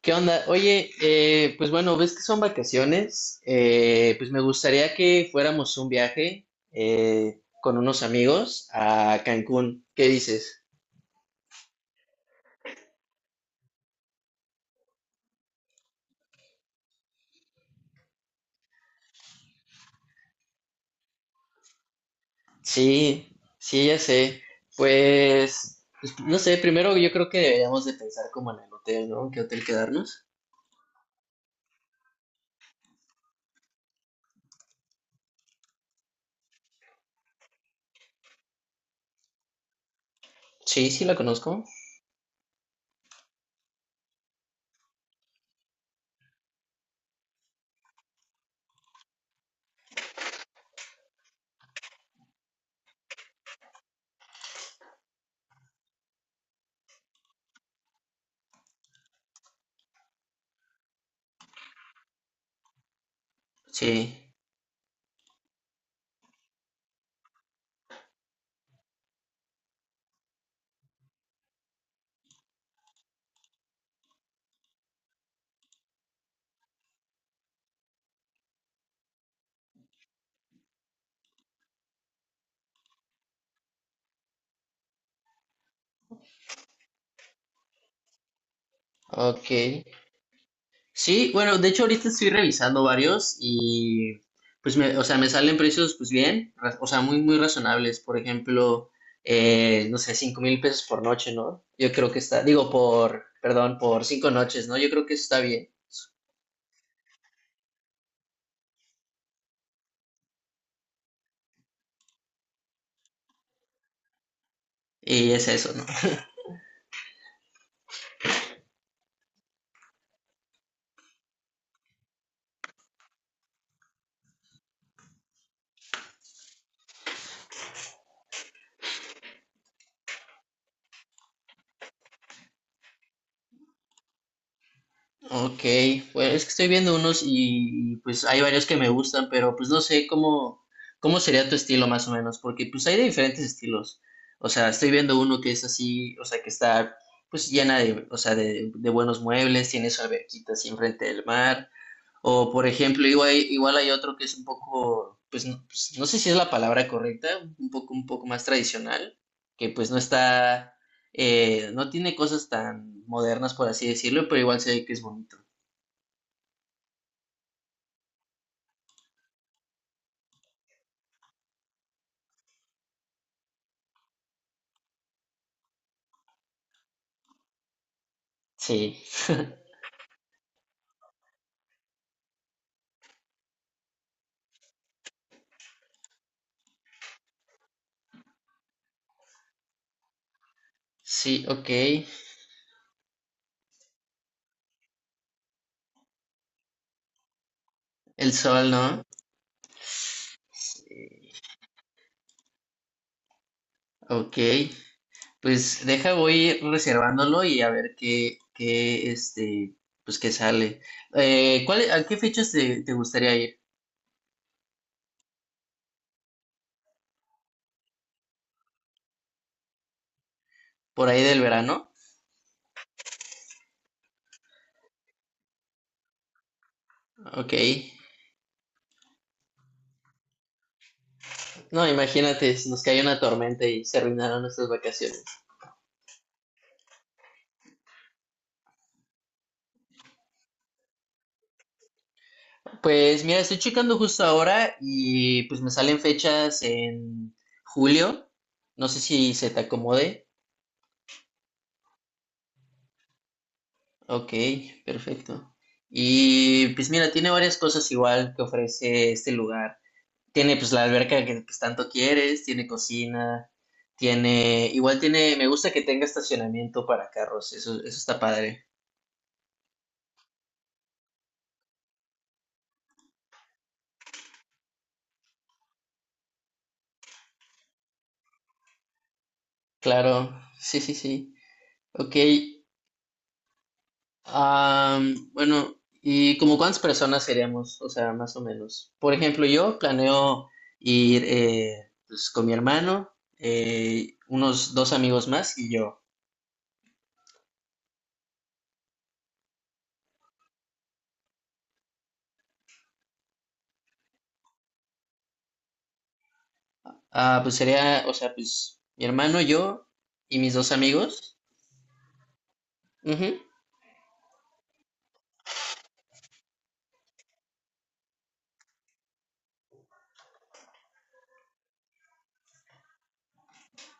¿Qué onda? Oye, pues bueno, ves que son vacaciones, pues me gustaría que fuéramos un viaje con unos amigos a Cancún. ¿Qué dices? Sí, sí, ya sé. Pues, no sé, primero yo creo que deberíamos de pensar como en el hotel, ¿no? ¿Qué hotel quedarnos? Sí, sí, la conozco. Sí, ok. Sí, bueno, de hecho ahorita estoy revisando varios y pues me, o sea, me salen precios pues bien, o sea, muy, muy razonables. Por ejemplo, no sé, 5,000 pesos por noche, ¿no? Yo creo que está, digo, por, perdón, por 5 noches, ¿no? Yo creo que eso está bien. Y es eso, ¿no? Ok, pues es que estoy viendo unos y, pues hay varios que me gustan, pero pues no sé cómo sería tu estilo más o menos, porque pues hay de diferentes estilos. O sea, estoy viendo uno que es así, o sea, que está pues llena de, o sea, de buenos muebles, tiene su alberquita así enfrente del mar. O por ejemplo, igual, igual hay otro que es un poco, pues, no sé si es la palabra correcta, un poco más tradicional, que pues no está, no tiene cosas tan modernas, por así decirlo, pero igual se ve que es bonito. Sí, sí, ok. El sol, ¿no? Sí. Ok, pues deja, voy reservándolo y a ver qué, pues qué sale. ¿Cuál, a qué fechas te gustaría ir? ¿Por ahí del verano? Ok. No, imagínate, si nos cae una tormenta y se arruinaron nuestras vacaciones. Pues mira, estoy checando justo ahora y pues me salen fechas en julio. No sé si se te acomode. Ok, perfecto. Y pues mira, tiene varias cosas igual que ofrece este lugar. Tiene pues la alberca que pues, tanto quieres, tiene cocina, igual tiene, me gusta que tenga estacionamiento para carros, eso está padre. Claro, sí, sí, sí. Ok, bueno, ¿y como cuántas personas seríamos? O sea, más o menos. Por ejemplo, yo planeo ir pues, con mi hermano, unos dos amigos más y yo. Ah, pues sería, o sea, pues mi hermano, yo y mis dos amigos. Ujú,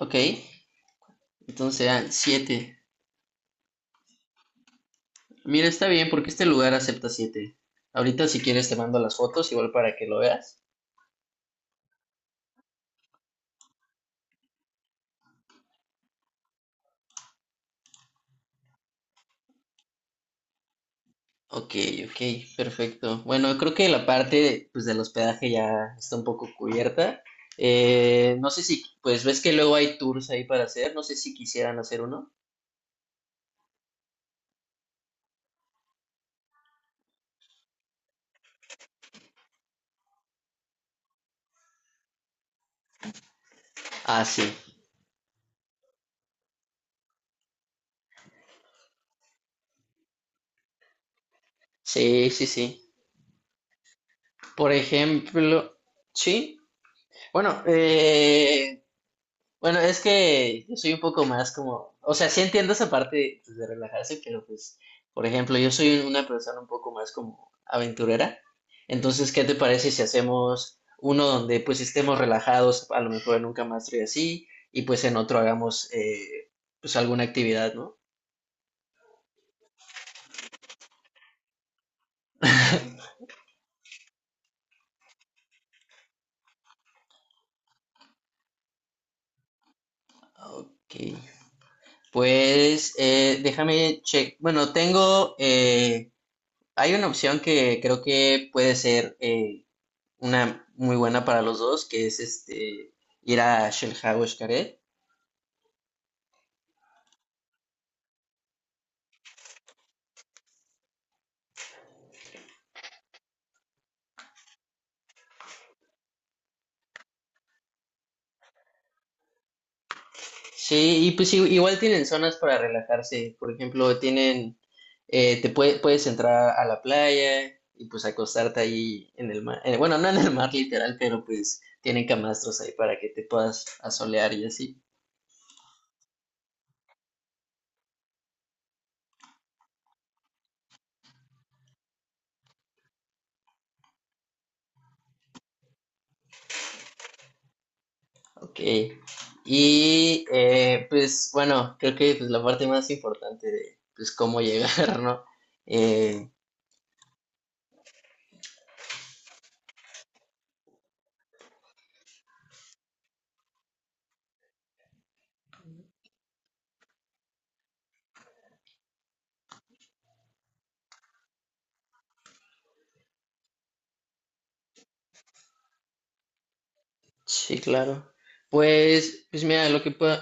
ok, entonces serán siete. Mira, está bien porque este lugar acepta siete. Ahorita si quieres te mando las fotos igual para que lo veas. Ok, ok, perfecto. Bueno, creo que la parte pues del hospedaje ya está un poco cubierta. No sé si, pues ves que luego hay tours ahí para hacer, no sé si quisieran hacer uno. Ah, sí, sí, sí, sí. Por ejemplo, sí. Bueno, eh, Bueno, es que yo soy un poco más como, o sea, sí entiendo esa parte pues, de relajarse, pero pues, por ejemplo, yo soy una persona un poco más como aventurera. Entonces, ¿qué te parece si hacemos uno donde pues estemos relajados, a lo mejor en un camastro y así, y pues en otro hagamos pues alguna actividad, ¿no? Ok, pues déjame check. Bueno, hay una opción que creo que puede ser, una muy buena para los dos, que es ir a Shelha o Xcaret. Sí, y pues igual tienen zonas para relajarse. Por ejemplo, tienen, puedes entrar a la playa y pues acostarte ahí en el mar. Bueno, no en el mar literal, pero pues tienen camastros ahí para que te puedas asolear y así. Ok. Y pues bueno, creo que pues, la parte más importante de pues cómo llegar, ¿no? Eh, Sí, claro. Pues, mira, lo que puedo,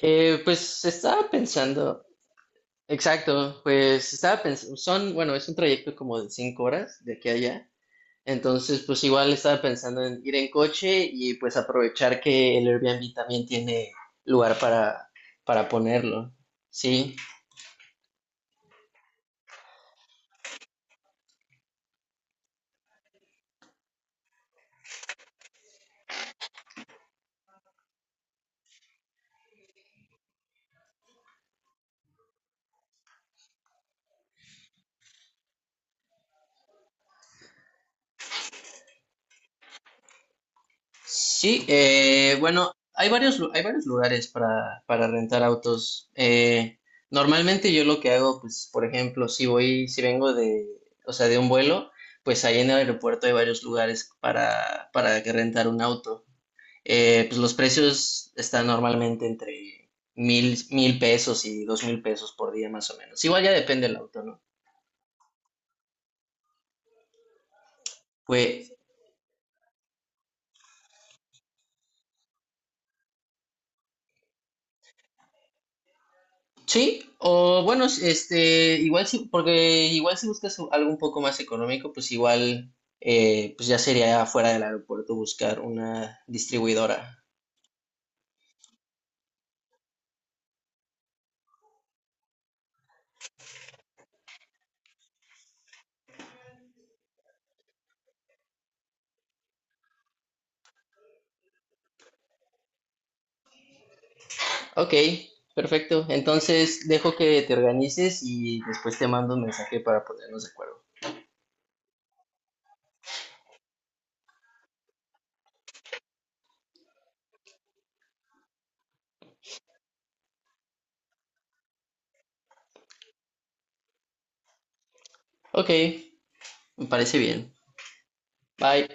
pues estaba pensando, exacto, pues estaba pensando, bueno, es un trayecto como de 5 horas de aquí a allá, entonces pues igual estaba pensando en ir en coche y pues aprovechar que el Airbnb también tiene lugar para ponerlo, sí. Sí, bueno, hay varios lugares para, rentar autos. Normalmente yo lo que hago, pues, por ejemplo, si vengo de, o sea, de un vuelo, pues ahí en el aeropuerto hay varios lugares para, que rentar un auto. Pues los precios están normalmente entre mil pesos y 2,000 pesos por día más o menos. Igual ya depende del auto, ¿no? Pues sí, o bueno, igual sí, porque igual si buscas algo un poco más económico, pues igual, pues ya sería fuera del aeropuerto buscar una distribuidora. Ok, perfecto. Entonces dejo que te organices y después te mando un mensaje para ponernos de acuerdo. Ok, me parece bien. Bye.